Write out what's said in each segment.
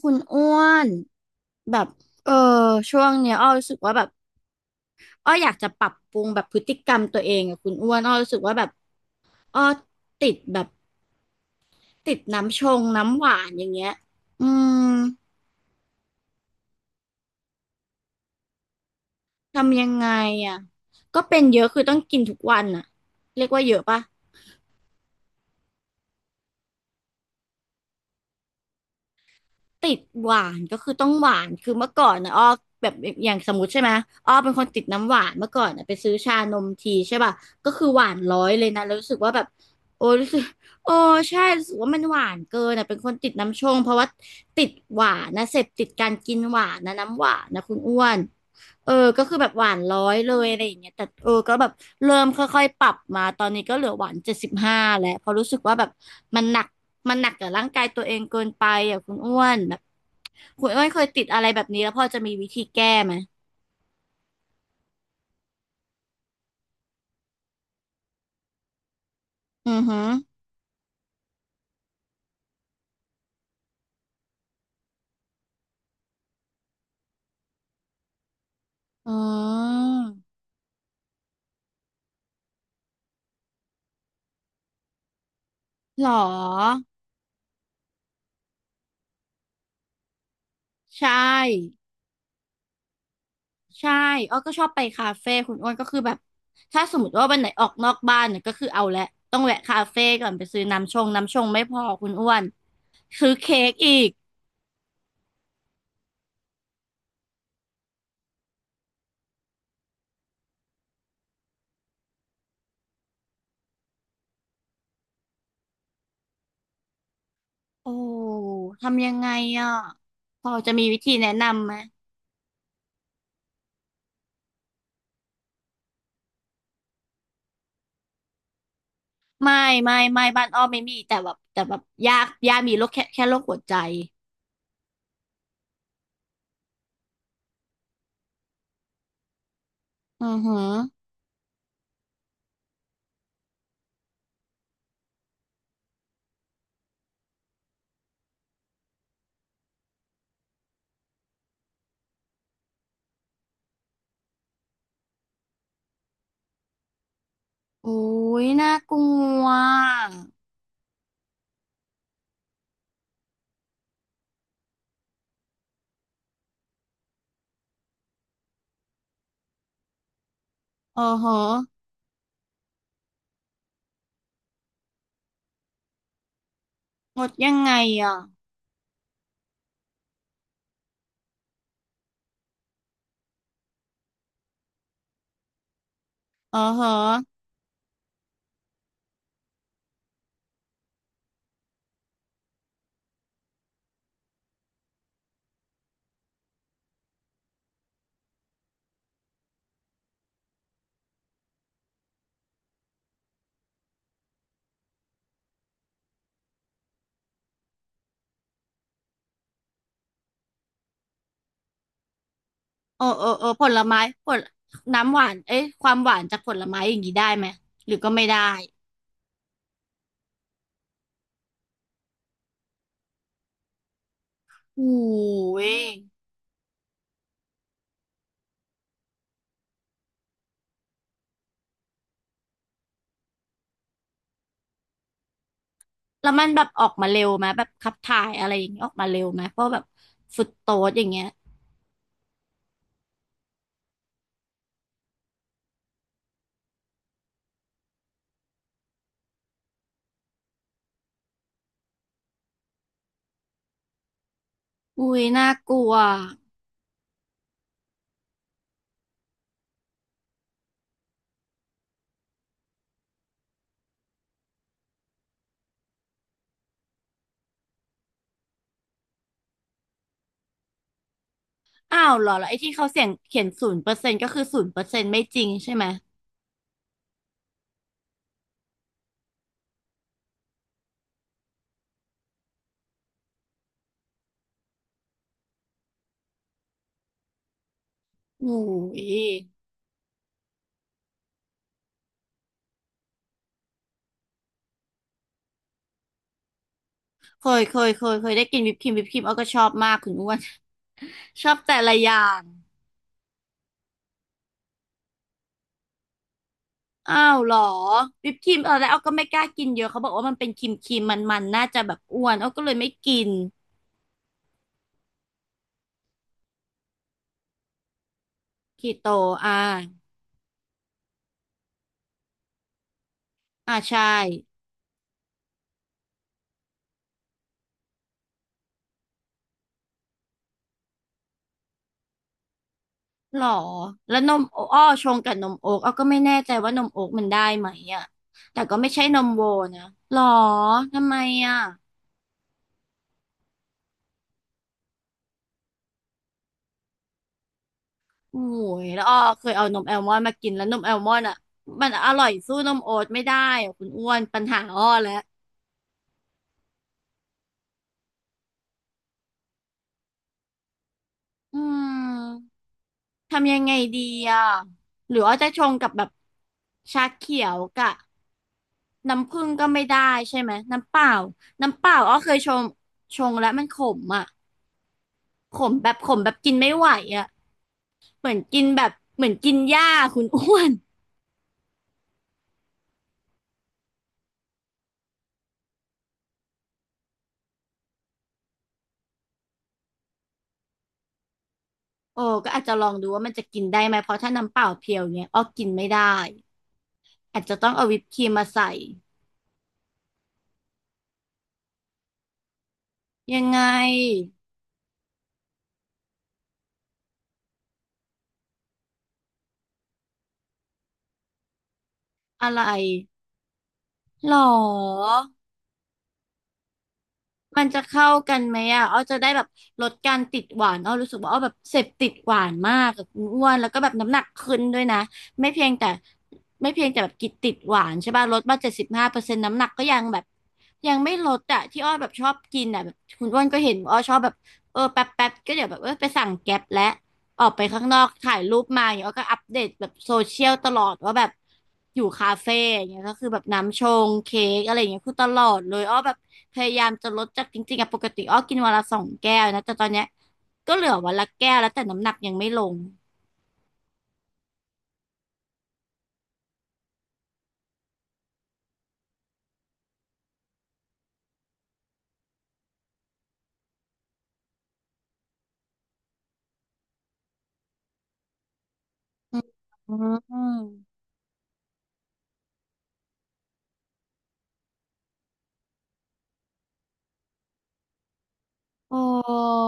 คุณอ้วนแบบเออช่วงเนี้ยอ้อรู้สึกว่าแบบอ้ออยากจะปรับปรุงแบบพฤติกรรมตัวเองอะคุณอ้วนอ้อรู้สึกว่าแบบอ้อติดแบบติดน้ำชงน้ำหวานอย่างเงี้ยอืมทำยังไงอ่ะก็เป็นเยอะคือต้องกินทุกวันอ่ะเรียกว่าเยอะปะ ติดหวานก็คือต้องหวานคือเมื่อก่อนนะอ้อแบบอย่างสมมติใช่ไหมอ้อเป็นคนติดน้ำหวานเมื่อก่อนนะไปซื้อชานมทีใช่ป่ะก็คือหวานร้อยเลยนะแล้วรู้สึกว่าแบบโอ้รู้สึกโอ้ใช่รู้สึกว่ามันหวานเกินอ่ะเป็นคนติดน้ำชงเพราะว่าติดหวานนะเสพติดการกินหวานนะน้ำหวานนะคุณอ้วน ก็คือแบบหวานร้อยเลยอะไรอย่างเงี้ยแต่ก็แบบเริ่มค่อยๆปรับมาตอนนี้ก็เหลือหวานเจ็ดสิบห้าแล้ว เพราะรู้สึกว่าแบบมันหนักกับร่างกายตัวเองเกินไปอ่ะคุณอ้วนแบบคุณอ้วนเคยติดอะไรแบบนี้แล้วพอจะมีวิธีแก้ไหมอือหืออืมหรอ ใช่ใช่อ้อก็ชอบไปคาเฟ่คุณอ้วนก็คือแบบถ้าสมมติว่าวันไหนออกนอกบ้านเนี่ยก็คือเอาแหละต้องแวะคาเฟ่ก่อนไปซื้อน้ำชงน้ำชงไม่พอคุณอ้วนซื้อเค้กอีก โอ้ทำยังไงอ่ะพอจะมีวิธีแนะนำไหมไม่ไม่ไม่บ้านอ้อมไม่มีแต่แบบยากยากมีโรคแค่โรคหัวใจอือหือโอ้ยน่ากลัวอือหืองดยังไงอ่ะอือหือเออเออเออผลไม้ผลน้ำหวานเอ๊ะความหวานจากผลไม้อย่างนี้ได้ไหมหรือก็ไม่ได้โอ้ยแล้วมันแบบออกมาเร็วไหมแบบขับถ่ายอะไรอย่างนี้ออกมาเร็วไหมเพราะแบบฟรุตโตสอย่างเงี้ย อุ้ยน่ากลัวอ้าวเหรอแล้วไอ้ที่เขาเสียงเขียนศูนย์เปอร์เซ็นต์ก็คือศูนย์เปอร์เซ็นต์ไม่จริงใช่ไหมอุ้ยเคยได้กินวิปครีมเอาก็ชอบมากคุณอ้วน ชอบแต่ละอย่างอ้าวเหรอวิปครีมเออแล้วเอาก็ไม่กล้ากินเยอะเขาบอกว่ามันเป็นครีมมันน่าจะแบบอ้วนเอาก็เลยไม่กิน คีโตอ่าอ่าใช่หรอแล้วนมโออ้อชงกับนมโอ๊กเอาก็ไม่แน่ใจว่านมโอ๊กมันได้ไหมอ่ะแต่ก็ไม่ใช่นมโวนะหรอทำไมอ่ะ โอ้ยแล้วอ้อเคยเอานมแอลมอนด์มากินแล้วนมแอลมอนด์อ่ะมันอร่อยสู้นมโอ๊ตไม่ได้อะคุณอ้วนปัญหาอ้อแล้วอืมทำยังไงดีอ่ะหรืออ้อจะชงกับแบบชาเขียวกะน้ำผึ้งก็ไม่ได้ใช่ไหมน้ำเปล่าน้ำเปล่าอ้อเคยชงชงแล้วมันขมอ่ะขมแบบขมแบบกินไม่ไหวอ่ะเหมือนกินแบบเหมือนกินหญ้าคุณอ้วนโอ้ก็อาจจะลองดูว่ามันจะกินได้ไหมเพราะถ้าน้ำเปล่าเพียวเนี้ยอ้อกินไม่ได้ อาจจะต้องเอาวิปครีมมาใส่ยังไงอะไรหรอ มันจะเข้ากันไหมอ่ะอ้อจะได้แบบลดการติดหวานอ้อรู้สึกว่าอ้อแบบเสพติดหวานมากกับคุณอ้วนแล้วก็แบบน้ำหนักขึ้นด้วยนะไม่เพียงแต่ไม่เพียงแต่แบบกินติดหวานใช่ป่ะลดมา75%น้ำหนักก็ยังแบบยังไม่ลดอ่ะที่อ้อแบบชอบกินอ่ะแบบคุณอ้วนก็เห็นอ้อชอบแบบแป๊บแป๊บก็เดี๋ยวแบบไปสั่งแก๊ปและออกไปข้างนอกถ่ายรูปมาอย่างเงี้ยอ้อก็อัปเดตแบบโซเชียลตลอดว่าแบบอยู่คาเฟ่อย่างเงี้ยก็คือแบบน้ำชงเค้กอะไรอย่างเงี้ยคือตลอดเลยอ้อแบบ พยายามจะลดจากจริงๆอะปกติอ้อกินวันละ2 แก้วนะแต่ตอนเนี้ยก็เหลือวันละแก้วแล้วแต่น้ำหนักยังไม่ลงอืมอืมโอ้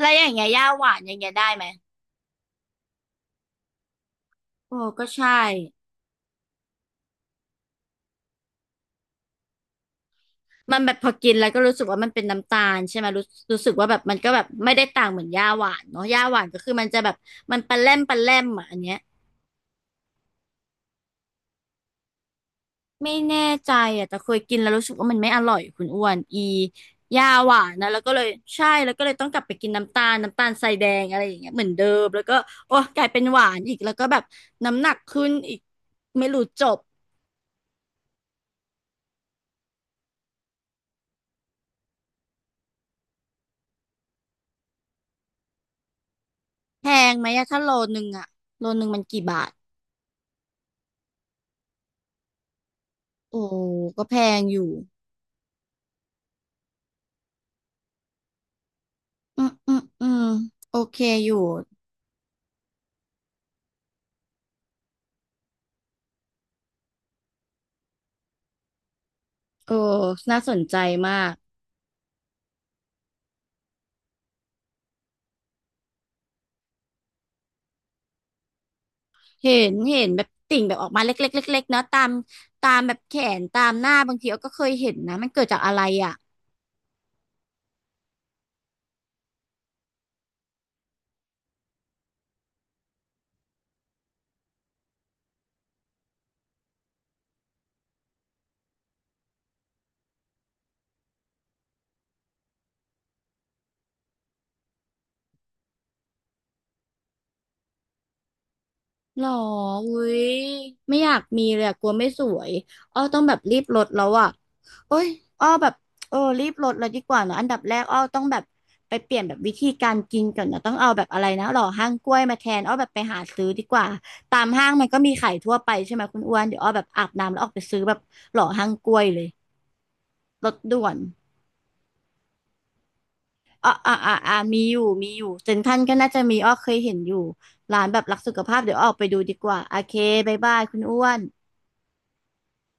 แล้วอย่างเงี้ยย่าหวานอย่างเงี้ยได้ไหมโอ้ก็ใช่มันแบบพอกินแล้วก็รู้สึกว่ามันเป็นน้ำตาลใช่ไหมรู้รู้สึกว่าแบบมันก็แบบไม่ได้ต่างเหมือนย่าหวานเนาะย่าหวานก็คือมันจะแบบมันปะแล่มปะแล่มอ่ะอันเนี้ย ไม่แน่ใจอ่ะแต่เคยกินแล้วรู้สึกว่ามันไม่อร่อยคุณอ้วนอียาหวานนะแล้วก็เลยใช่แล้วก็เลยต้องกลับไปกินน้ำตาลทรายแดงอะไรอย่างเงี้ยเหมือนเดิมแล้วก็โอ้กลายเป็นหวานอีกแล้วก็แบบน้ำหนักขึ้นอีกไม่รู้จบแพงไหมอะถ้าโลนึงอะโลนึงมันกี่บาทโอ้ก็แพงอยู่อืมอืมอืมโอเคอยู่เออน่าสนใจมาก เห็นเห็นแบบติ่งแบบออกมาเล็กๆเล็กๆเนาะตามตามแบบแขนตามหน้าบางทีเราก็เคยเห็นนะมันเกิดจากอะไรอ่ะหรออุ้ยไม่อยากมีเลยอะกลัวไม่สวยอ้อต้องแบบรีบลดแล้วอ่ะโอ้ยอ้อแบบรีบลดเลยดีกว่าเนอะอันดับแรกอ้อต้องแบบไปเปลี่ยนแบบวิธีการกินก่อนนะต้องเอาแบบอะไรนะหล่อห้างกล้วยมาแทนอ้อแบบไปหาซื้อดีกว่าตามห้างมันก็มีขายทั่วไปใช่ไหมคุณอ้วนเดี๋ยวอ้อแบบอาบน้ำแล้วออกไปซื้อแบบหล่อห้างกล้วยเลยลดด่วน อ่าอ่าอ่าอ่ามีอยู่เซ็นทรัลก็น่าจะมีอ้อเคยเห็นอยู่ร้านแบบรักสุขภาพเดี๋ยวออกไปดูดีกว่าโอเคบ๊ายบายคุณอ้วน